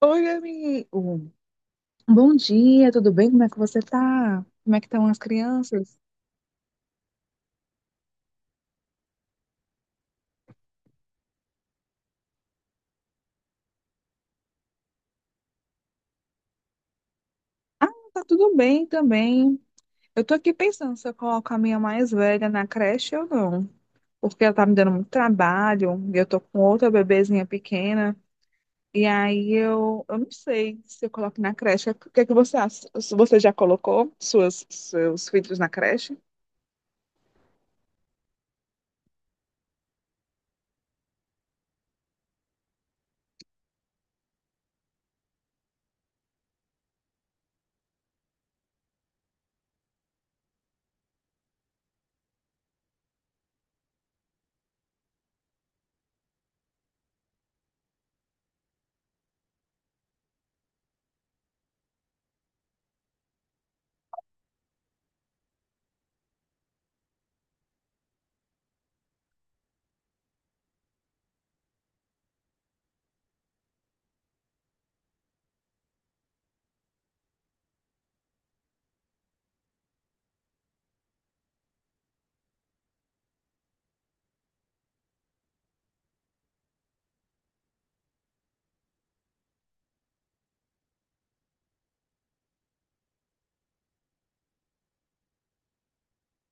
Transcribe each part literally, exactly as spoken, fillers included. Oi, amigo. Bom dia, tudo bem? Como é que você tá? Como é que estão as crianças? Ah, tá tudo bem também. Eu tô aqui pensando se eu coloco a minha mais velha na creche ou não, porque ela tá me dando muito trabalho, e eu tô com outra bebezinha pequena, e aí eu, eu não sei se eu coloco na creche. O que é que você acha? Você já colocou suas, seus filhos na creche?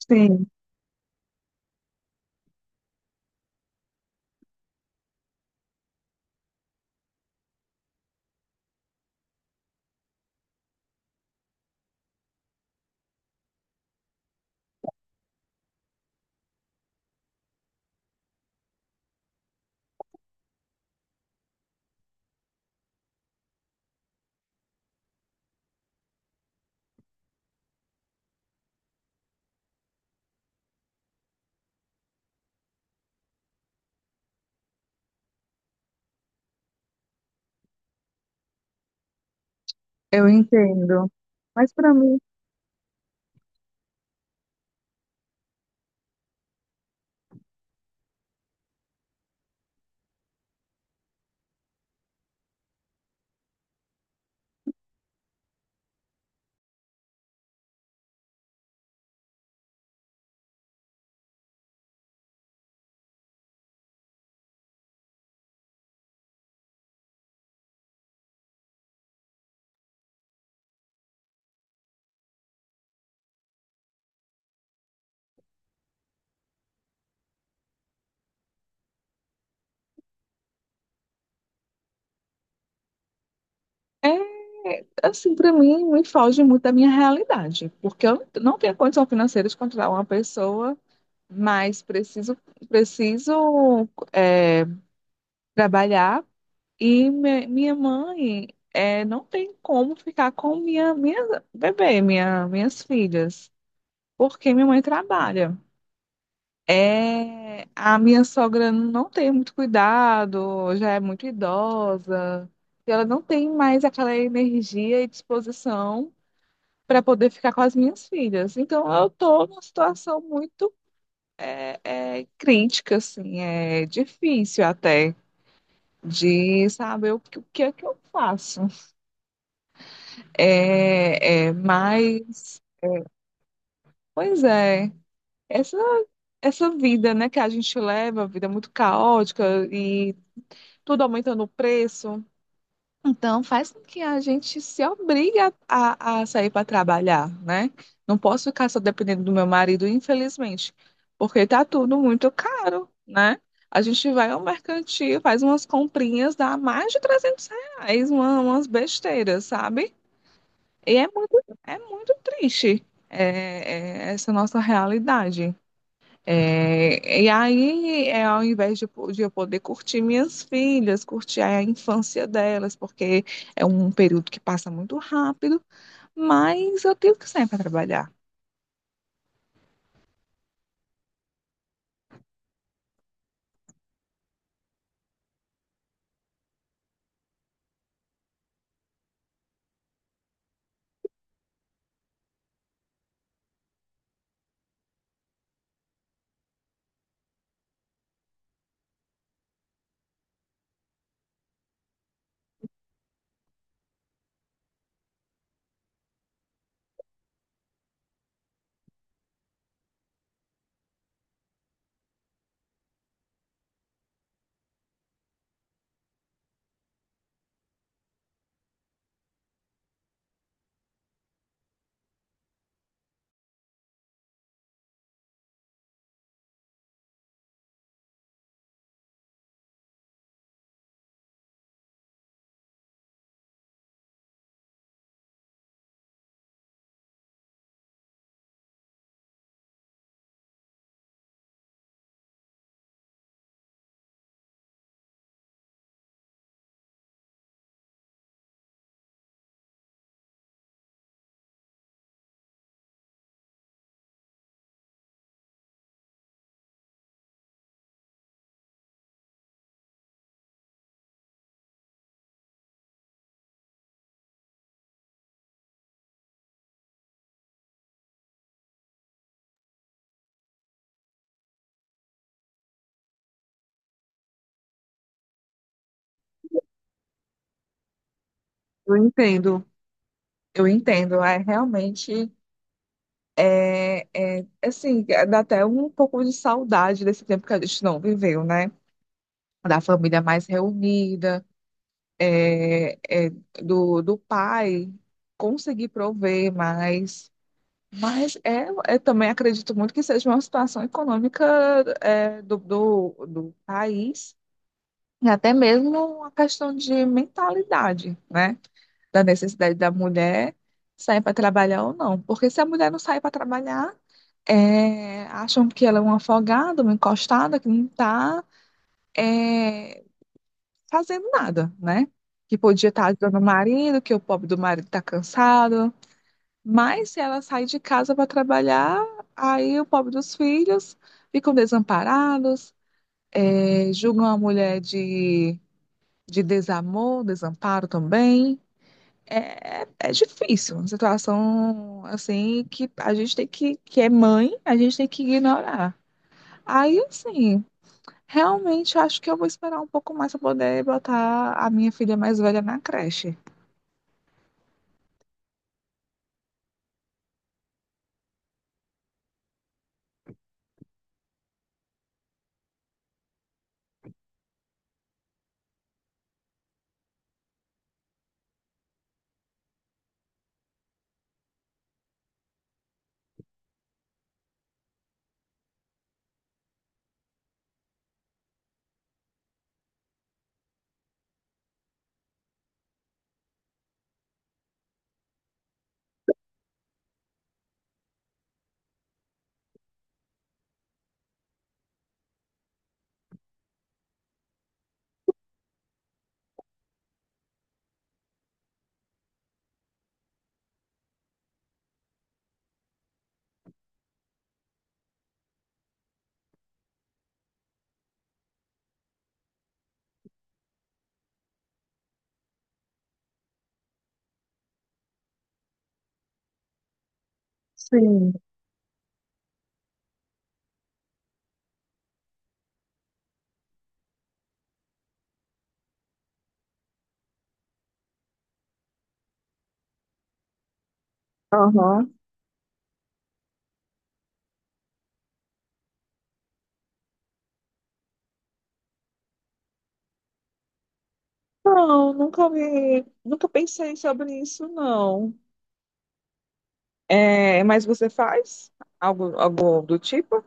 Sim, eu entendo. Mas para mim, é, assim, para mim, me foge muito da minha realidade, porque eu não tenho condição financeira de contratar uma pessoa, mas preciso, preciso é, trabalhar e me- minha mãe é, não tem como ficar com minha, minha bebê, minha, minhas filhas, porque minha mãe trabalha. É, a minha sogra não tem muito cuidado, já é muito idosa, e ela não tem mais aquela energia e disposição para poder ficar com as minhas filhas. Então, eu estou numa situação muito é, crítica, assim, é difícil até de saber o que, o que é que eu faço. É, é, mas, pois é, essa, essa vida, né, que a gente leva, vida muito caótica e tudo aumentando o preço. Então, faz com que a gente se obrigue a, a- a sair para trabalhar, né? Não posso ficar só dependendo do meu marido, infelizmente, porque tá tudo muito caro, né? A gente vai ao mercantil, faz umas comprinhas, dá mais de trezentos reais, uma- umas besteiras, sabe? E é muito, é muito triste, é, é essa nossa realidade. É, e aí, é, ao invés de, po- de eu poder curtir minhas filhas, curtir a infância delas, porque é um período que passa muito rápido, mas eu tenho que sair para trabalhar. Eu entendo. Eu entendo, é realmente, é, é, assim, dá até um pouco de saudade desse tempo que a gente não viveu, né? Da família mais reunida, é, é, do, do pai conseguir prover mais. Mas é, eu também acredito muito que seja uma situação econômica é, do, do, do país, e até mesmo uma questão de mentalidade, né? Da necessidade da mulher sair para trabalhar ou não. Porque se a mulher não sair para trabalhar, é, acham que ela é uma afogada, uma encostada, que não está fazendo nada, né? Que podia estar ajudando o marido, que o pobre do marido está cansado, mas se ela sai de casa para trabalhar, aí o pobre dos filhos ficam desamparados, eh, julgam a mulher de, de desamor, desamparo também. É, é difícil, uma situação assim que a gente tem que, que é mãe, a gente tem que ignorar. Aí, assim, realmente acho que eu vou esperar um pouco mais para poder botar a minha filha mais velha na creche. Sim. Aham. Não, nunca vi, nunca pensei sobre isso, não. É, mas você faz algo, algo do tipo?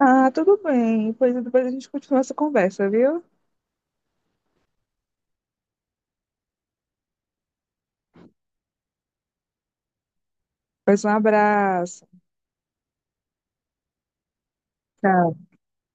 Ah, tudo bem. Pois depois a gente continua essa conversa, viu? Pois um abraço. Tchau.